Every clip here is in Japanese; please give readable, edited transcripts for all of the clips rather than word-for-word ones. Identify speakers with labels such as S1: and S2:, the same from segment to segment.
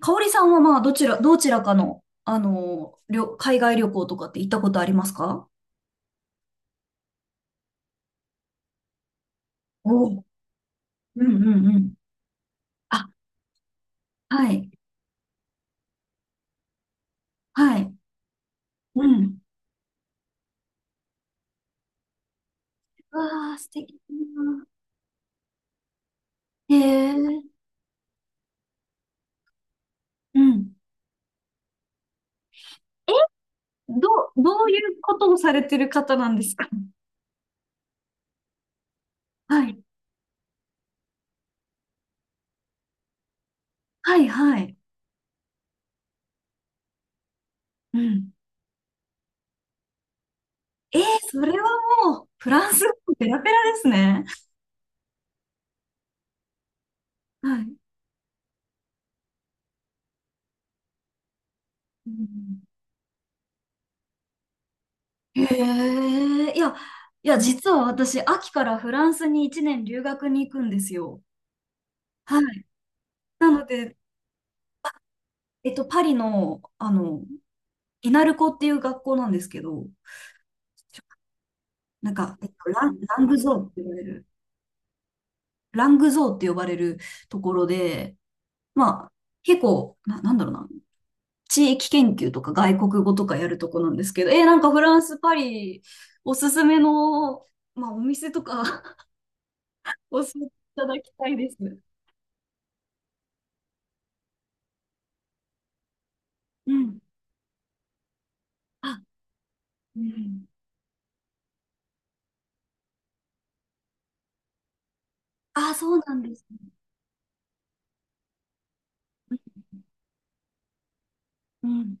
S1: 香織さんはまあ、どちらかの、海外旅行とかって行ったことありますか？おう。うんうんうん。あ、はい。はい。うん。わあ、素敵だな。へえ。うん。え、ど、どういうことをされてる方なんですか？はい。はい、はい。うん。えー、それはもう、フランス語ペラペラですね。はい。うん。へえ。いや、いや、実は私、秋からフランスに1年留学に行くんですよ。はい。なので、パリの、イナルコっていう学校なんですけど、なんか、ラングゾーンって呼ばれる、ラングゾーンって呼ばれるところで、まあ、結構、なんだろうな、地域研究とか外国語とかやるとこなんですけど、なんかフランス、パリ、おすすめの、まあ、お店とか 教えていただきたいです。うん。あ、うん。あ、そうなんですね。うん。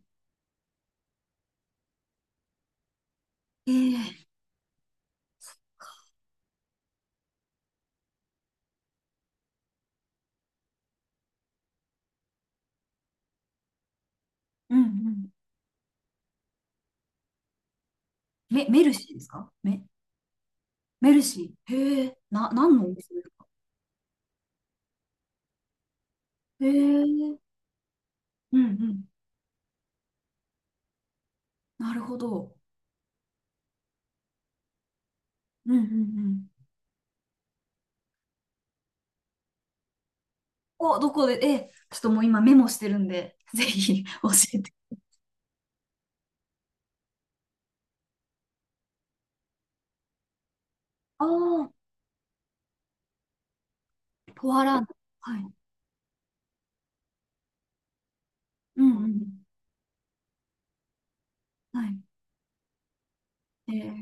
S1: ええ。うんうん。メルシーですか？メルシー。へえ。何のお店ですか？へえ。うんうん。なるほど。うんうんうん。どこで、ちょっともう今メモしてるんで、ぜひ 教えて。ああ、ポアラード、はい。うんうん。はい。えー、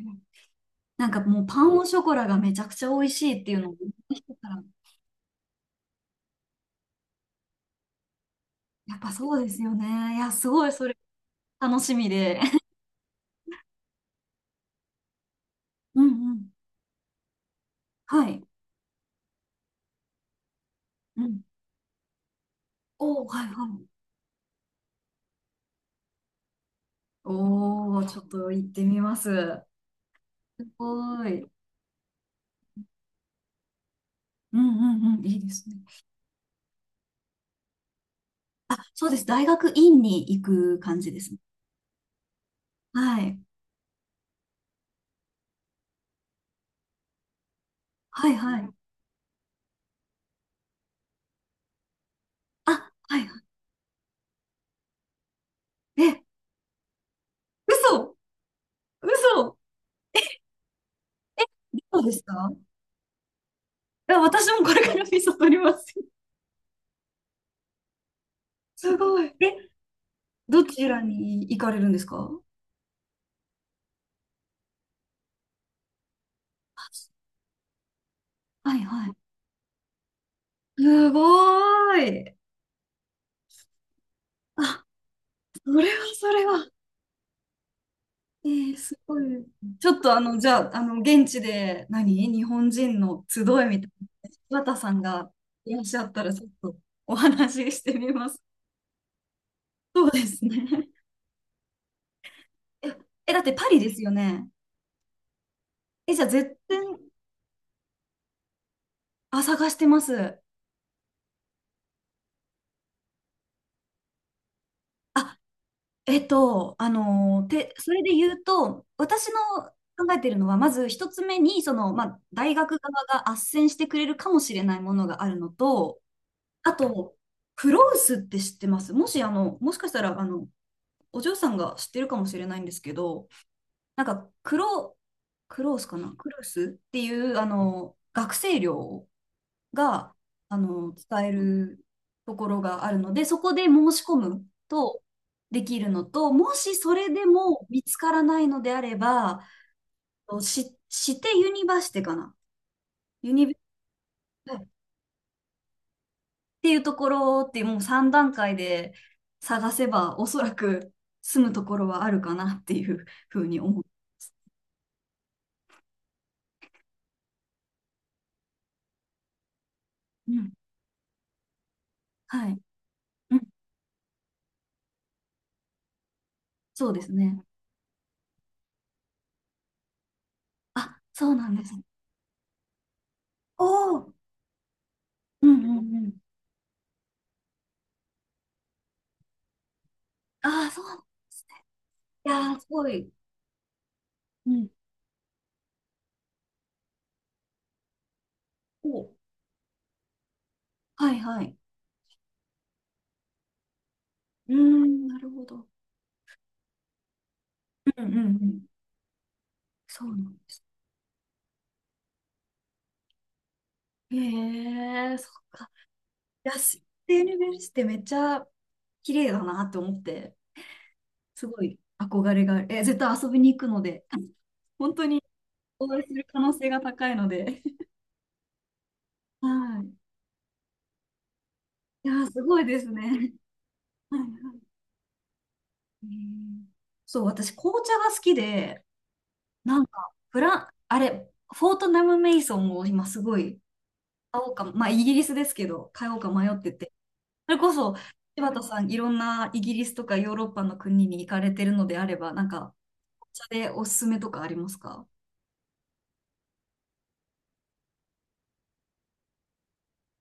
S1: なんかもうパンオショコラがめちゃくちゃ美味しいっていうのを聞いてたら、やっぱそうですよね。いや、すごいそれ楽しみで。うんうん。はい。うん。おー、はいはい。おー、ちょっと行ってみます。すごい。うんうんうん。いいですね。そうです。大学院に行く感じですね。はい。はいはい。あ、はいはい。え、嘘。嘘。そうですか？いや、私もこれからビザ取ります。すごい。え、どちらに行かれるんですか？はいはい。すごーい。あ、それはそれは。すごい。ちょっとじゃあ、現地で日本人の集いみたいな、柴田さんがいらっしゃったら、ちょっとお話ししてみます。そうですね。え、え、だってパリですよね。え、じゃあ絶対、あ、探してます。あ、それで言うと、私の考えてるのは、まず一つ目に、まあ、大学側が斡旋してくれるかもしれないものがあるのと、あと、フロウスって知ってます？もし、もしかしたら、お嬢さんが知ってるかもしれないんですけど、なんか、クロースかなクロースっていう、学生寮が、使えるところがあるので、そこで申し込むとできるのと、もしそれでも見つからないのであれば、してユニバーシティかな。ユニバっていうところってもう3段階で探せば、おそらく住むところはあるかなっていうふうに思う。うん。はい。うん。そうですね。あ、そうなんです。おお。うんうんうん。ああ、そう。いやー、すごい。うん。おはいはい。うーん、なるほど。うんうんうん。そうなんですね。へえ、そっか。いや、ステーヌベルスってめっちゃ綺麗だなって思って、すごい憧れがある。え、絶対遊びに行くので、本当にお会いする可能性が高いので。はい。いや、すごいですね。はいはい。へえ。そう、私、紅茶が好きで、なんか、フラン、あれ、フォートナム・メイソンを今すごい買おうか、まあ、イギリスですけど、買おうか迷ってて。それこそ、柴田さん、いろんなイギリスとかヨーロッパの国に行かれてるのであれば、なんか、お茶でおすすめとかありますか？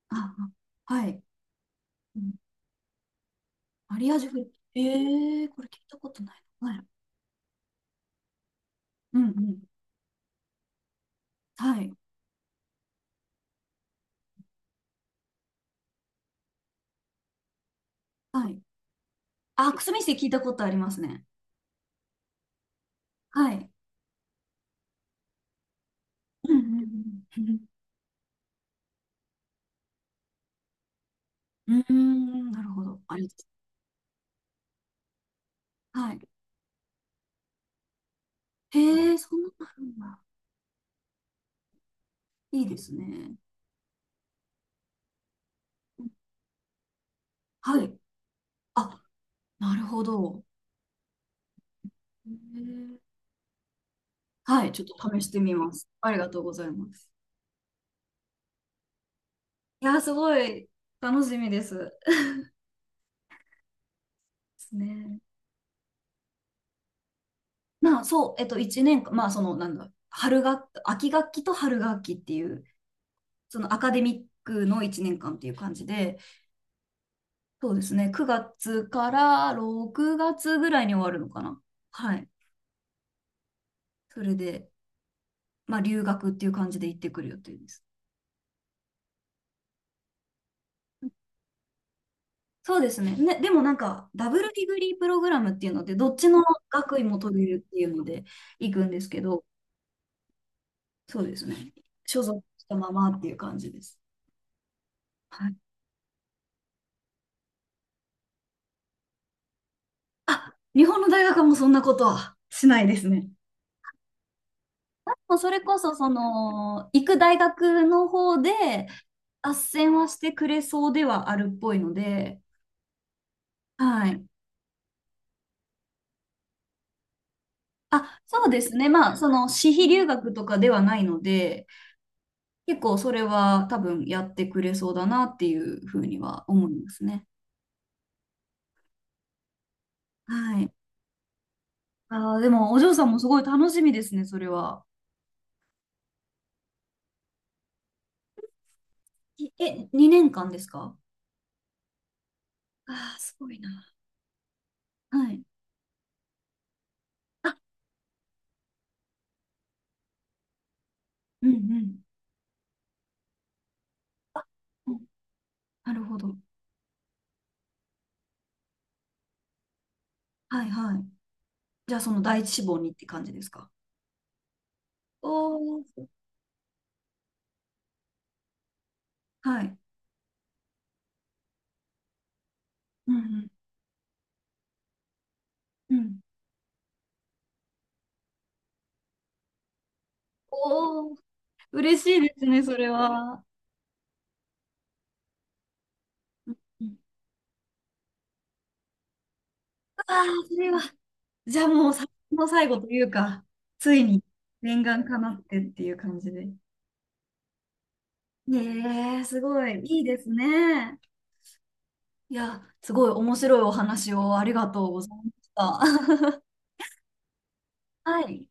S1: あ、あ、はい。うん。マリアージュフル。ええーこれ聞いたことないな。はい。うんうん。はい。はい。あ、クスミステ聞いたことありますね。はい。うんうんうん。うん、なるほど。ありがとうございます。はい。へえ、そんなのあるんだ。いいですね。はい。あ、なるほど。へえ。はい、ちょっと試してみます。ありがとうございます。いやー、すごい楽しみです。ですね。まあ、そう、1年間、まあ、なんだ、秋学期と春学期っていう、そのアカデミックの1年間っていう感じで、そうですね、9月から6月ぐらいに終わるのかな。はい。それで、まあ、留学っていう感じで行ってくる予定です。そうですね。ね、でもなんか、ダブルディグリープログラムっていうので、どっちの学位も取れるっていうので行くんですけど、そうですね。所属したままっていう感じです。はい。あ、日本の大学はもうそんなことはしないですね。もうそれこそ、行く大学の方で、斡旋はしてくれそうではあるっぽいので、はい。あ、そうですね。まあ、私費留学とかではないので、結構それは多分やってくれそうだなっていうふうには思いますね。はい。でも、お嬢さんもすごい楽しみですね、それは。いえ、2年間ですか？ああ、すごいな。はい。うんうん。おなるほど。はいはい。じゃあ、その第一志望にって感じですか？おおー。はい。うんうん。うん。おお、嬉しいですね、それは。うんうん。あ、それは、じゃあもう最後の最後というか、ついに念願かなってっていう感じで。ねえ、すごい、いいですね。いや、すごい面白いお話をありがとうございました。はい。